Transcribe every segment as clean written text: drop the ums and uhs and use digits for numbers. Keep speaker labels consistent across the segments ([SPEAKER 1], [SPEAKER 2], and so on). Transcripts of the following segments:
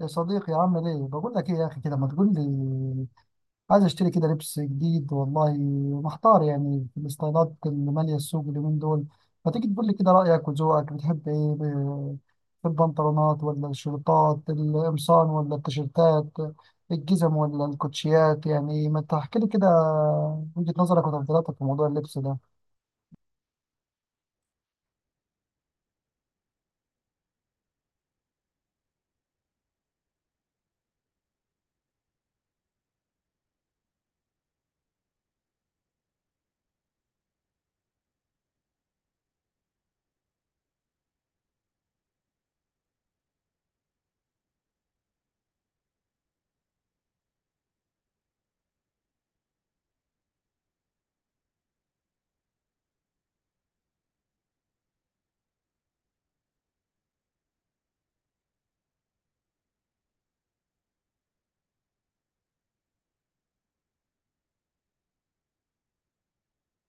[SPEAKER 1] يا صديقي، عامل ايه؟ بقول لك ايه يا اخي، كده ما تقول لي. عايز اشتري كده لبس جديد والله. محتار يعني في الستايلات اللي ماليه السوق اليومين دول. ما تيجي تقول لي كده رايك وذوقك، بتحب ايه في البنطلونات ولا الشورتات، القمصان ولا التيشيرتات، الجزم ولا الكوتشيات؟ يعني ما تحكي لي كده وجهه نظرك وتفضيلاتك في موضوع اللبس ده.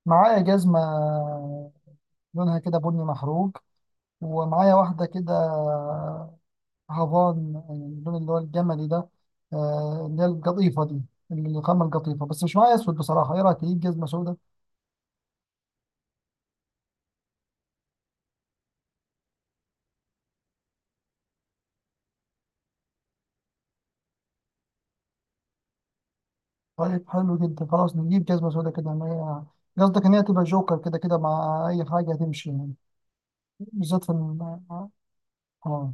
[SPEAKER 1] معايا جزمه لونها كده بني محروق، ومعايا واحده كده هافان، يعني اللون اللي هو الجملي ده، اللي هي القطيفة دي، الخامة القطيفة. بس مش معايا أسود. بصراحة إيه رأيك تجيب جزمة سوداء؟ طيب حلو جدا، خلاص نجيب جزمة سوداء كده ما. هي قصدك إن هي تبقى جوكر كده كده، مع أي حاجة هتمشي يعني. بالذات في الم... آه آه،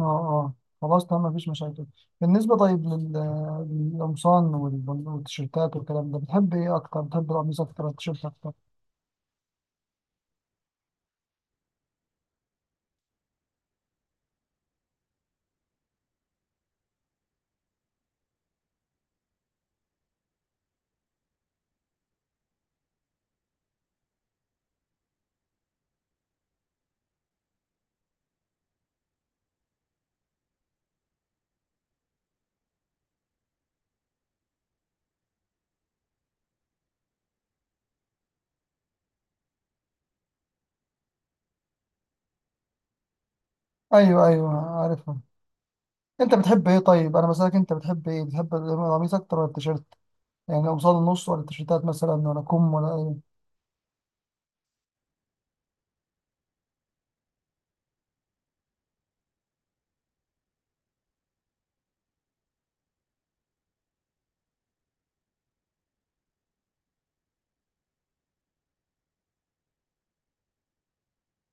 [SPEAKER 1] آه، آه. خلاص تمام، مفيش مشاكل. بالنسبة طيب للقمصان والتيشيرتات والكلام ده، بتحب إيه أكتر؟ بتحب القميص أكتر ولا التيشيرت أكتر؟ أيوه، أيوه، عارفها. انت بتحب ايه طيب؟ انا بسألك انت بتحب ايه، بتحب القميص اكتر ولا التيشيرت؟ يعني قمصان النص ولا التيشيرتات مثلا ولا كم ولا ايه؟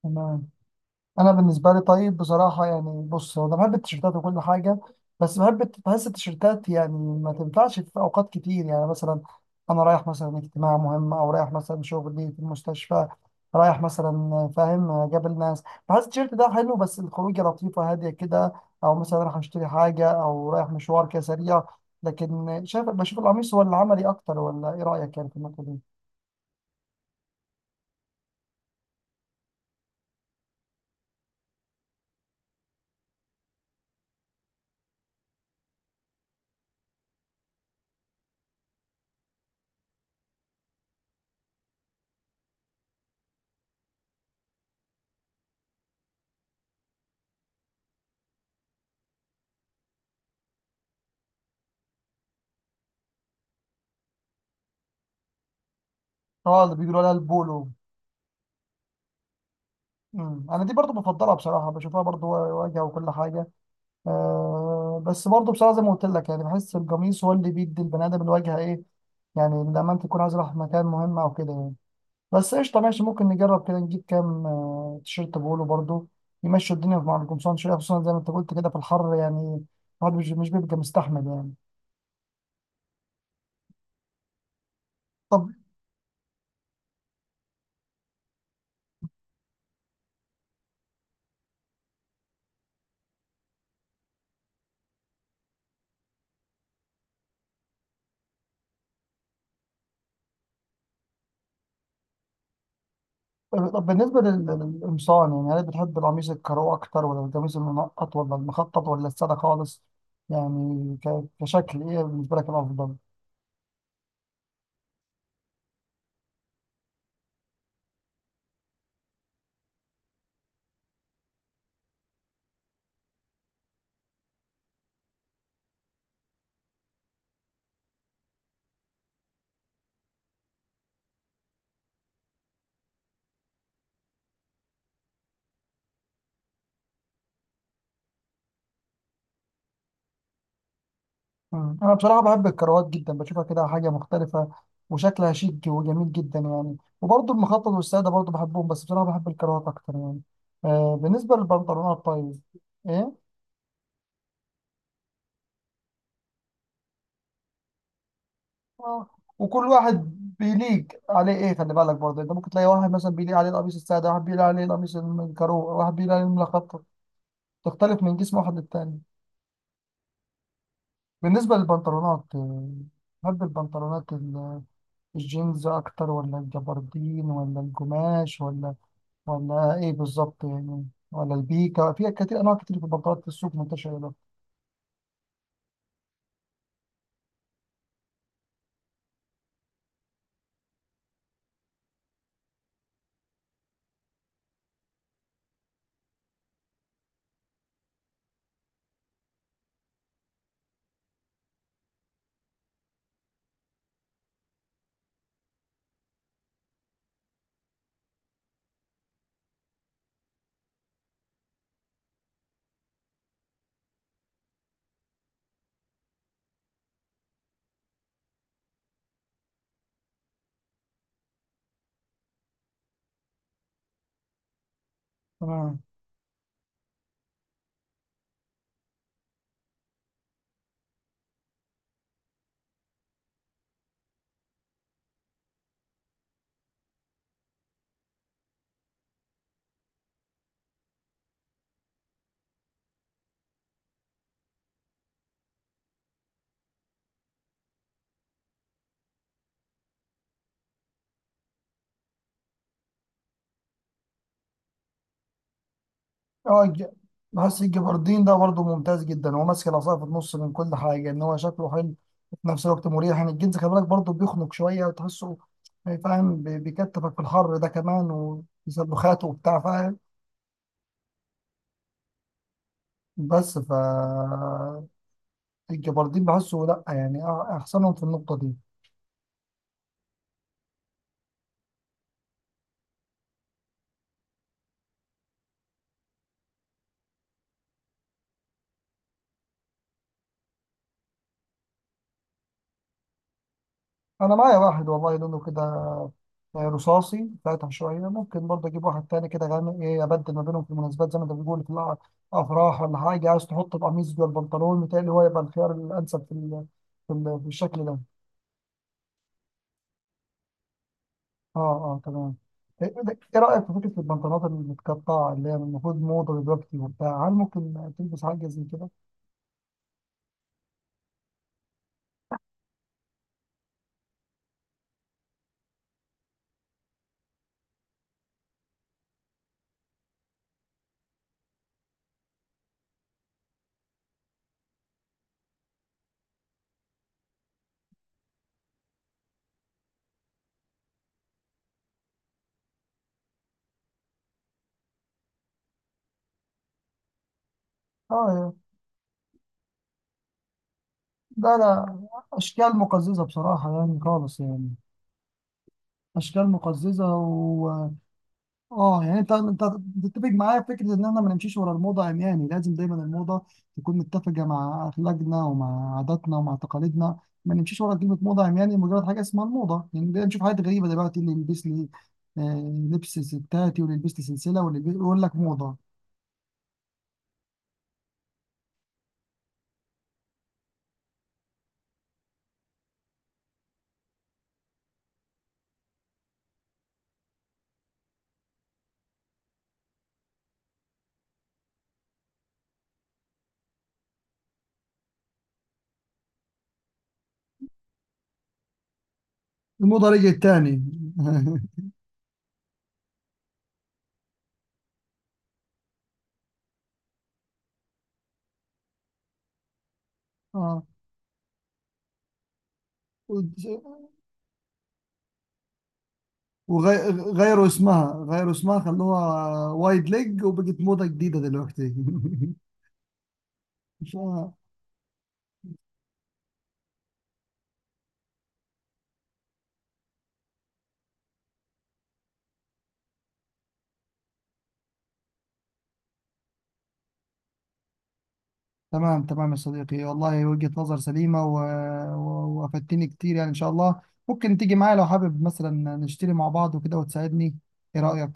[SPEAKER 1] تمام. انا بالنسبه لي طيب بصراحه، يعني بص هو انا بحب التيشيرتات وكل حاجه. بس بحب بحس التيشيرتات يعني ما تنفعش في اوقات كتير. يعني مثلا انا رايح مثلا اجتماع مهم، او رايح مثلا شغلي في المستشفى، رايح مثلا فاهم قابل ناس، بحس التيشيرت ده حلو بس الخروجه لطيفه هاديه كده، او مثلا رايح اشتري حاجه او رايح مشوار كده سريع. لكن بشوف القميص هو اللي عملي اكتر، ولا ايه رايك يعني في النقطه دي؟ اه، اللي بيقولوا عليها البولو. انا دي برضو بفضلها بصراحه، بشوفها برضو واجهه وكل حاجه. بس برضه بصراحة زي ما قلت لك، يعني بحس القميص هو اللي بيدي البني آدم الواجهة، إيه يعني لما أنت تكون عايز رايح مكان مهم أو كده يعني. بس قشطة ماشي، ممكن نجرب كده نجيب كام تيشيرت بولو برضه يمشوا الدنيا مع القمصان شوية، خصوصا زي ما أنت قلت كده في الحر، يعني الواحد مش بيبقى مستحمل يعني. طب، طب بالنسبة للقمصان، يعني هل بتحب القميص الكارو أكتر ولا القميص المنقط ولا المخطط ولا السادة خالص؟ يعني كشكل إيه بالنسبة لك الأفضل؟ مم. انا بصراحه بحب الكروات جدا، بشوفها كده حاجه مختلفه وشكلها شيك وجميل جدا يعني. وبرضه المخطط والساده برضه بحبهم، بس بصراحه بحب الكروات اكتر يعني. بالنسبه للبنطلونات طيب. ايه؟ آه. وكل واحد بيليق عليه ايه، خلي بالك برضه انت ممكن تلاقي واحد مثلا بيليق عليه القميص الساده، واحد بيليق عليه القميص الكرو، واحد بيليق عليه المخطط. تختلف من جسم واحد للتاني. بالنسبه للبنطلونات، بحب البنطلونات الجينز اكتر ولا الجبردين ولا الجماش ولا، ولا ايه بالظبط يعني؟ ولا البيكا، في كتير انواع كتير، في البطاطا في السوق منتشره ده. تمام. اه، بحس الجبردين ده برضه ممتاز جدا، هو ماسك العصايه في النص من كل حاجه، ان هو شكله حلو وفي نفس الوقت مريح. يعني الجنس خلي بالك برضه بيخنق شويه وتحسه، يعني فاهم، بيكتفك في الحر ده كمان، وسلوخاته وبتاع فاهم. بس ف الجبردين بحسه لا، يعني احسنهم في النقطه دي. انا معايا واحد والله لونه كده يعني رصاصي فاتح شويه، ممكن برضه اجيب واحد تاني كده غامق، ايه، ابدل ما بينهم في المناسبات زي ما انت بتقول في افراح ولا حاجه. عايز تحط القميص جوه البنطلون، متهيألي هو يبقى الخيار الانسب في الشكل ده. اه، اه، تمام. ايه؟ إيه رايك في فكره البنطلونات المتقطعه اللي هي المفروض موضه دلوقتي وبتاع؟ هل ممكن تلبس حاجه زي كده؟ اه. ده لا، لا، اشكال مقززه بصراحه يعني خالص يعني. اشكال مقززه. اه، يعني انت تتفق معايا في فكره ان احنا ما نمشيش ورا الموضه عمياني. لازم دايما الموضه تكون متفقه مع اخلاقنا ومع عاداتنا ومع تقاليدنا. ما نمشيش ورا كلمه موضه عمياني، مجرد حاجه اسمها الموضه. يعني بدأنا نشوف حاجات غريبه دلوقتي، اللي يلبس لي لبس ستاتي، واللي يلبس لي سلسله، يقول لك موضه. الموضه رجعت تاني. اه، وغيروا اسمها، غيروا اسمها، خلوها وايد ليج وبقت موضه جديده دلوقتي. مش. تمام، تمام يا صديقي والله، وجهة نظر سليمة وافدتني كتير يعني. إن شاء الله ممكن تيجي معايا لو حابب، مثلا نشتري مع بعض وكده وتساعدني. إيه رأيك؟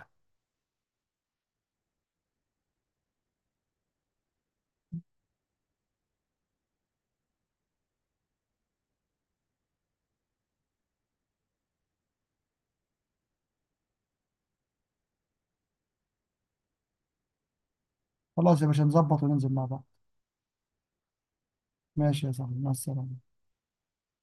[SPEAKER 1] خلاص يا باشا، نظبط وننزل مع بعض. ماشي يا صاحبي، مع السلامة.